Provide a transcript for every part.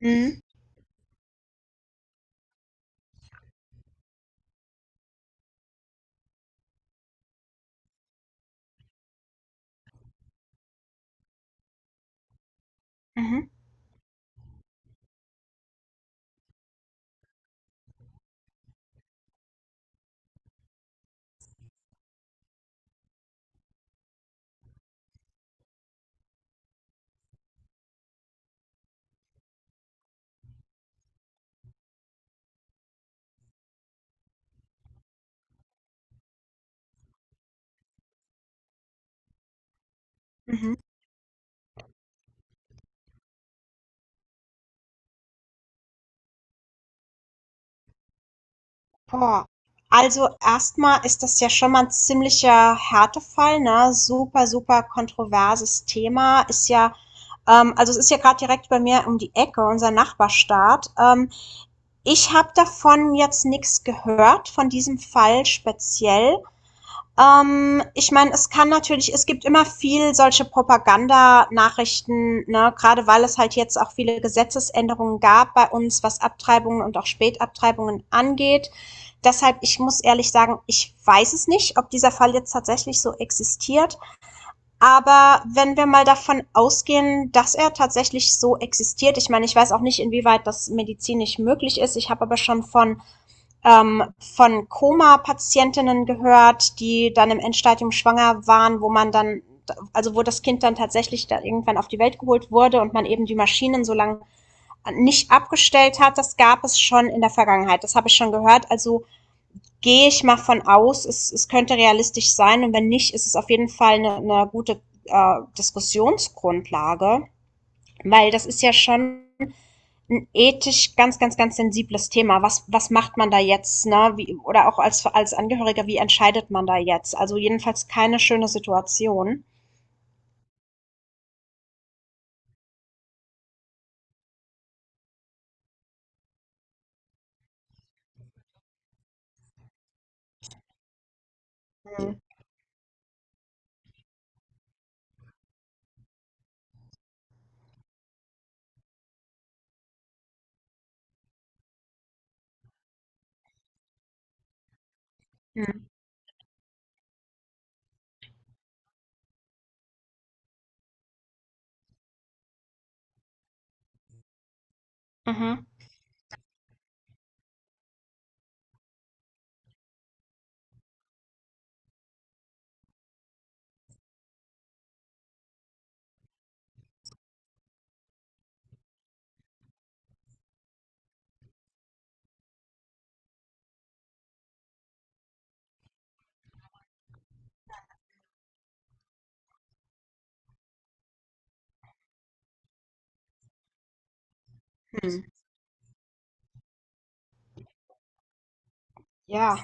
Mhm, mhm, mhm. Boah. Also erstmal ist das ja schon mal ein ziemlicher Härtefall, ne? Super, super kontroverses Thema. Ist ja also es ist ja gerade direkt bei mir um die Ecke, unser Nachbarstaat. Ich habe davon jetzt nichts gehört, von diesem Fall speziell. Ich meine, es kann natürlich, es gibt immer viel solche Propagandanachrichten, ne, gerade weil es halt jetzt auch viele Gesetzesänderungen gab bei uns, was Abtreibungen und auch Spätabtreibungen angeht. Deshalb, ich muss ehrlich sagen, ich weiß es nicht, ob dieser Fall jetzt tatsächlich so existiert. Aber wenn wir mal davon ausgehen, dass er tatsächlich so existiert, ich meine, ich weiß auch nicht, inwieweit das medizinisch möglich ist. Ich habe aber schon von Koma-Patientinnen gehört, die dann im Endstadium schwanger waren, wo man dann, also wo das Kind dann tatsächlich dann irgendwann auf die Welt geholt wurde und man eben die Maschinen so lange nicht abgestellt hat. Das gab es schon in der Vergangenheit. Das habe ich schon gehört. Also gehe ich mal von aus, es könnte realistisch sein. Und wenn nicht, ist es auf jeden Fall eine gute Diskussionsgrundlage, weil das ist ja schon ein ethisch ganz, ganz, ganz sensibles Thema. Was was macht man da jetzt, ne? Wie oder auch als als Angehöriger, wie entscheidet man da jetzt? Also, jedenfalls keine schöne Situation. Mhm. Mhm. Mhm. Mhm. Ja,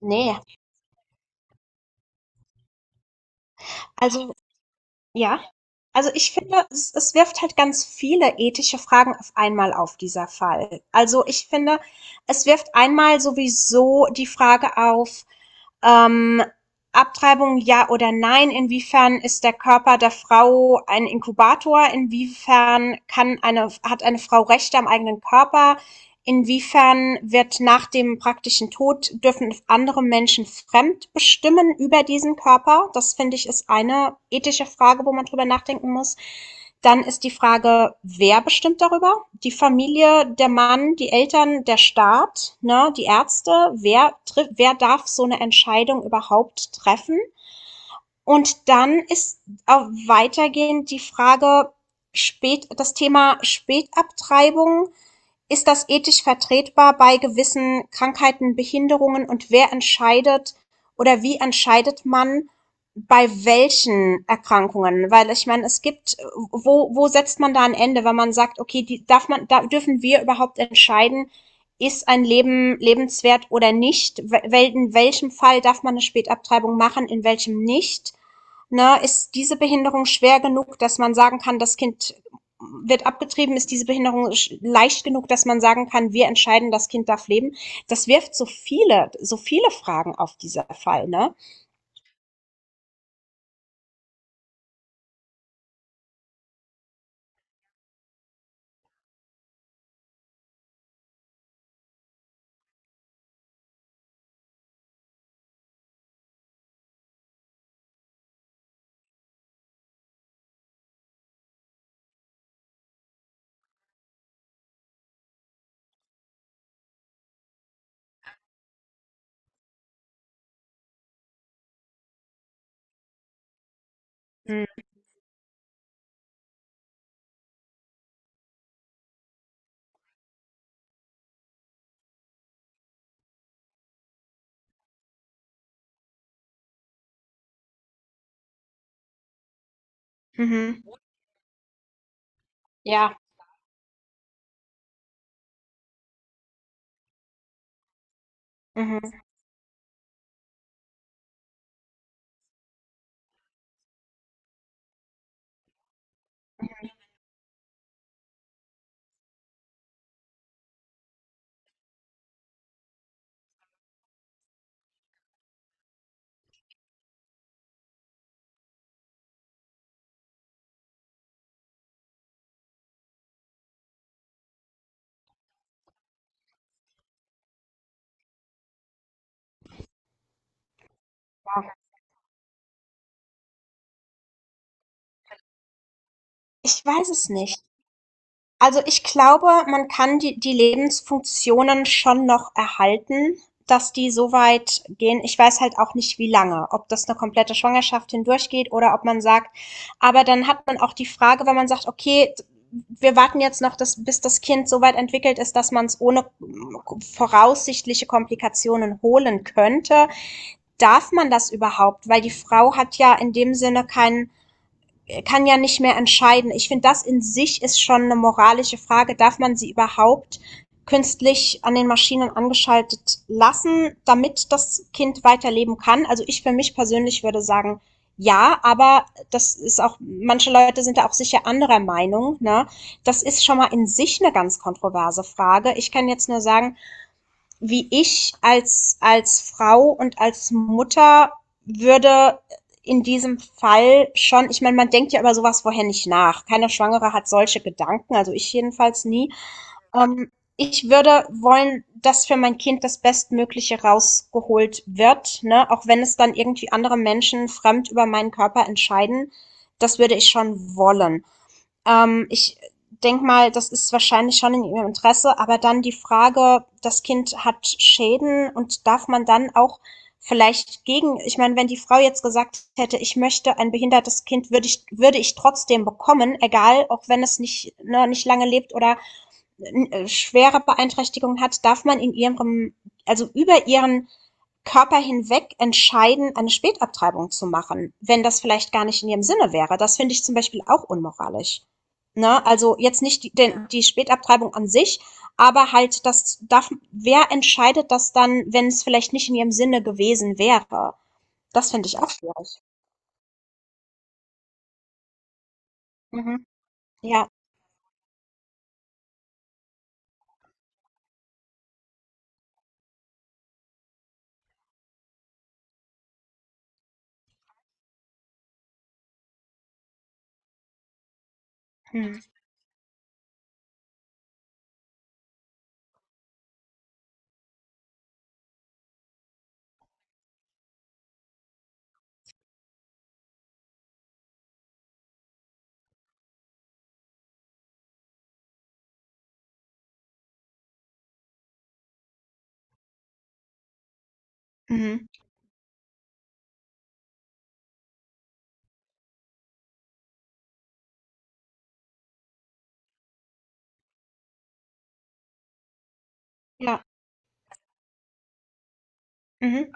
ne. Also ja? Also, ich finde, es wirft halt ganz viele ethische Fragen auf einmal auf, dieser Fall. Also, ich finde, es wirft einmal sowieso die Frage auf. Ähm, Abtreibung ja oder nein? Inwiefern ist der Körper der Frau ein Inkubator? Inwiefern kann eine, hat eine Frau Rechte am eigenen Körper? Inwiefern wird nach dem praktischen Tod, dürfen andere Menschen fremd bestimmen über diesen Körper? Das finde ich ist eine ethische Frage, wo man drüber nachdenken muss. Dann ist die Frage, wer bestimmt darüber? Die Familie, der Mann, die Eltern, der Staat, ne, die Ärzte, wer, trifft, wer darf so eine Entscheidung überhaupt treffen? Und dann ist auch weitergehend die Frage, spät, das Thema Spätabtreibung, ist das ethisch vertretbar bei gewissen Krankheiten, Behinderungen und wer entscheidet oder wie entscheidet man bei welchen Erkrankungen? Weil ich meine, es gibt, wo, wo setzt man da ein Ende, wenn man sagt, okay, die darf man, da dürfen wir überhaupt entscheiden, ist ein Leben lebenswert oder nicht? In welchem Fall darf man eine Spätabtreibung machen, in welchem nicht? Ne, ist diese Behinderung schwer genug, dass man sagen kann, das Kind wird abgetrieben, ist diese Behinderung leicht genug, dass man sagen kann, wir entscheiden, das Kind darf leben. Das wirft so viele Fragen auf dieser Fall, ne? Mhm. Ja. Mhm. Ja. Ich weiß es nicht. Also, ich glaube, man kann die Lebensfunktionen schon noch erhalten, dass die so weit gehen. Ich weiß halt auch nicht, wie lange, ob das eine komplette Schwangerschaft hindurchgeht oder ob man sagt, aber dann hat man auch die Frage, wenn man sagt: „Okay, wir warten jetzt noch, das bis das Kind so weit entwickelt ist, dass man es ohne voraussichtliche Komplikationen holen könnte.“ Darf man das überhaupt? Weil die Frau hat ja in dem Sinne keinen, kann ja nicht mehr entscheiden. Ich finde, das in sich ist schon eine moralische Frage. Darf man sie überhaupt künstlich an den Maschinen angeschaltet lassen, damit das Kind weiterleben kann? Also ich für mich persönlich würde sagen, ja, aber das ist auch, manche Leute sind da auch sicher anderer Meinung. Ne? Das ist schon mal in sich eine ganz kontroverse Frage. Ich kann jetzt nur sagen, wie ich als, als Frau und als Mutter würde in diesem Fall schon, ich meine, man denkt ja über sowas vorher nicht nach. Keine Schwangere hat solche Gedanken, also ich jedenfalls nie. Ähm, Ich würde wollen, dass für mein Kind das Bestmögliche rausgeholt wird, ne? Auch wenn es dann irgendwie andere Menschen fremd über meinen Körper entscheiden. Das würde ich schon wollen. Ich denke mal, das ist wahrscheinlich schon in ihrem Interesse, aber dann die Frage, das Kind hat Schäden und darf man dann auch vielleicht gegen, ich meine, wenn die Frau jetzt gesagt hätte, ich möchte ein behindertes Kind, würde ich trotzdem bekommen, egal, auch wenn es nicht, ne, nicht lange lebt oder schwere Beeinträchtigungen hat, darf man in ihrem, also über ihren Körper hinweg entscheiden, eine Spätabtreibung zu machen, wenn das vielleicht gar nicht in ihrem Sinne wäre. Das finde ich zum Beispiel auch unmoralisch. Ne? Also jetzt nicht die, den, die Spätabtreibung an sich, aber halt das darf, wer entscheidet das dann, wenn es vielleicht nicht in ihrem Sinne gewesen wäre? Das finde ich auch schwierig. Mhm. Ja. Mhm. Mhm. Ja. Mhm.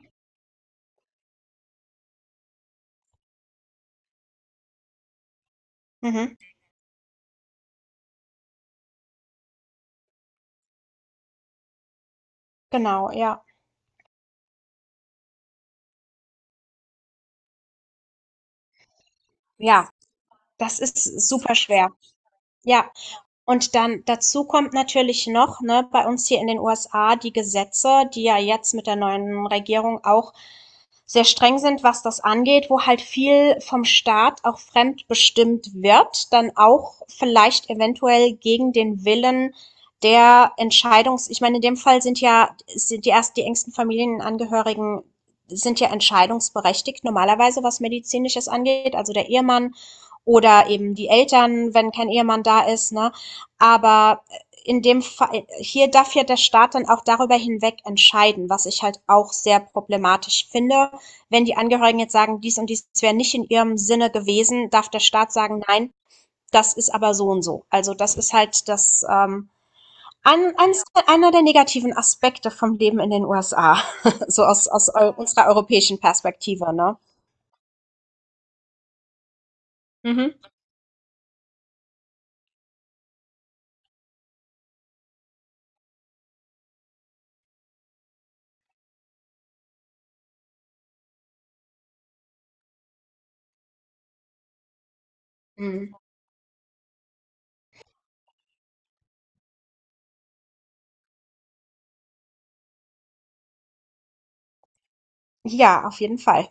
Mhm. Genau, ja. Ja, das ist super schwer. Ja, und dann dazu kommt natürlich noch, ne, bei uns hier in den USA die Gesetze, die ja jetzt mit der neuen Regierung auch sehr streng sind, was das angeht, wo halt viel vom Staat auch fremdbestimmt wird, dann auch vielleicht eventuell gegen den Willen der Entscheidungs, ich meine, in dem Fall sind die erst die engsten Familienangehörigen sind ja entscheidungsberechtigt normalerweise, was medizinisches angeht, also der Ehemann oder eben die Eltern, wenn kein Ehemann da ist, ne? Aber in dem Fall, hier darf ja der Staat dann auch darüber hinweg entscheiden, was ich halt auch sehr problematisch finde, wenn die Angehörigen jetzt sagen, dies und dies wäre nicht in ihrem Sinne gewesen, darf der Staat sagen, nein, das ist aber so und so. Also das ist halt das einer der negativen Aspekte vom Leben in den USA, so aus, aus eu unserer europäischen Perspektive. Ne? Mhm. Ja, auf jeden Fall.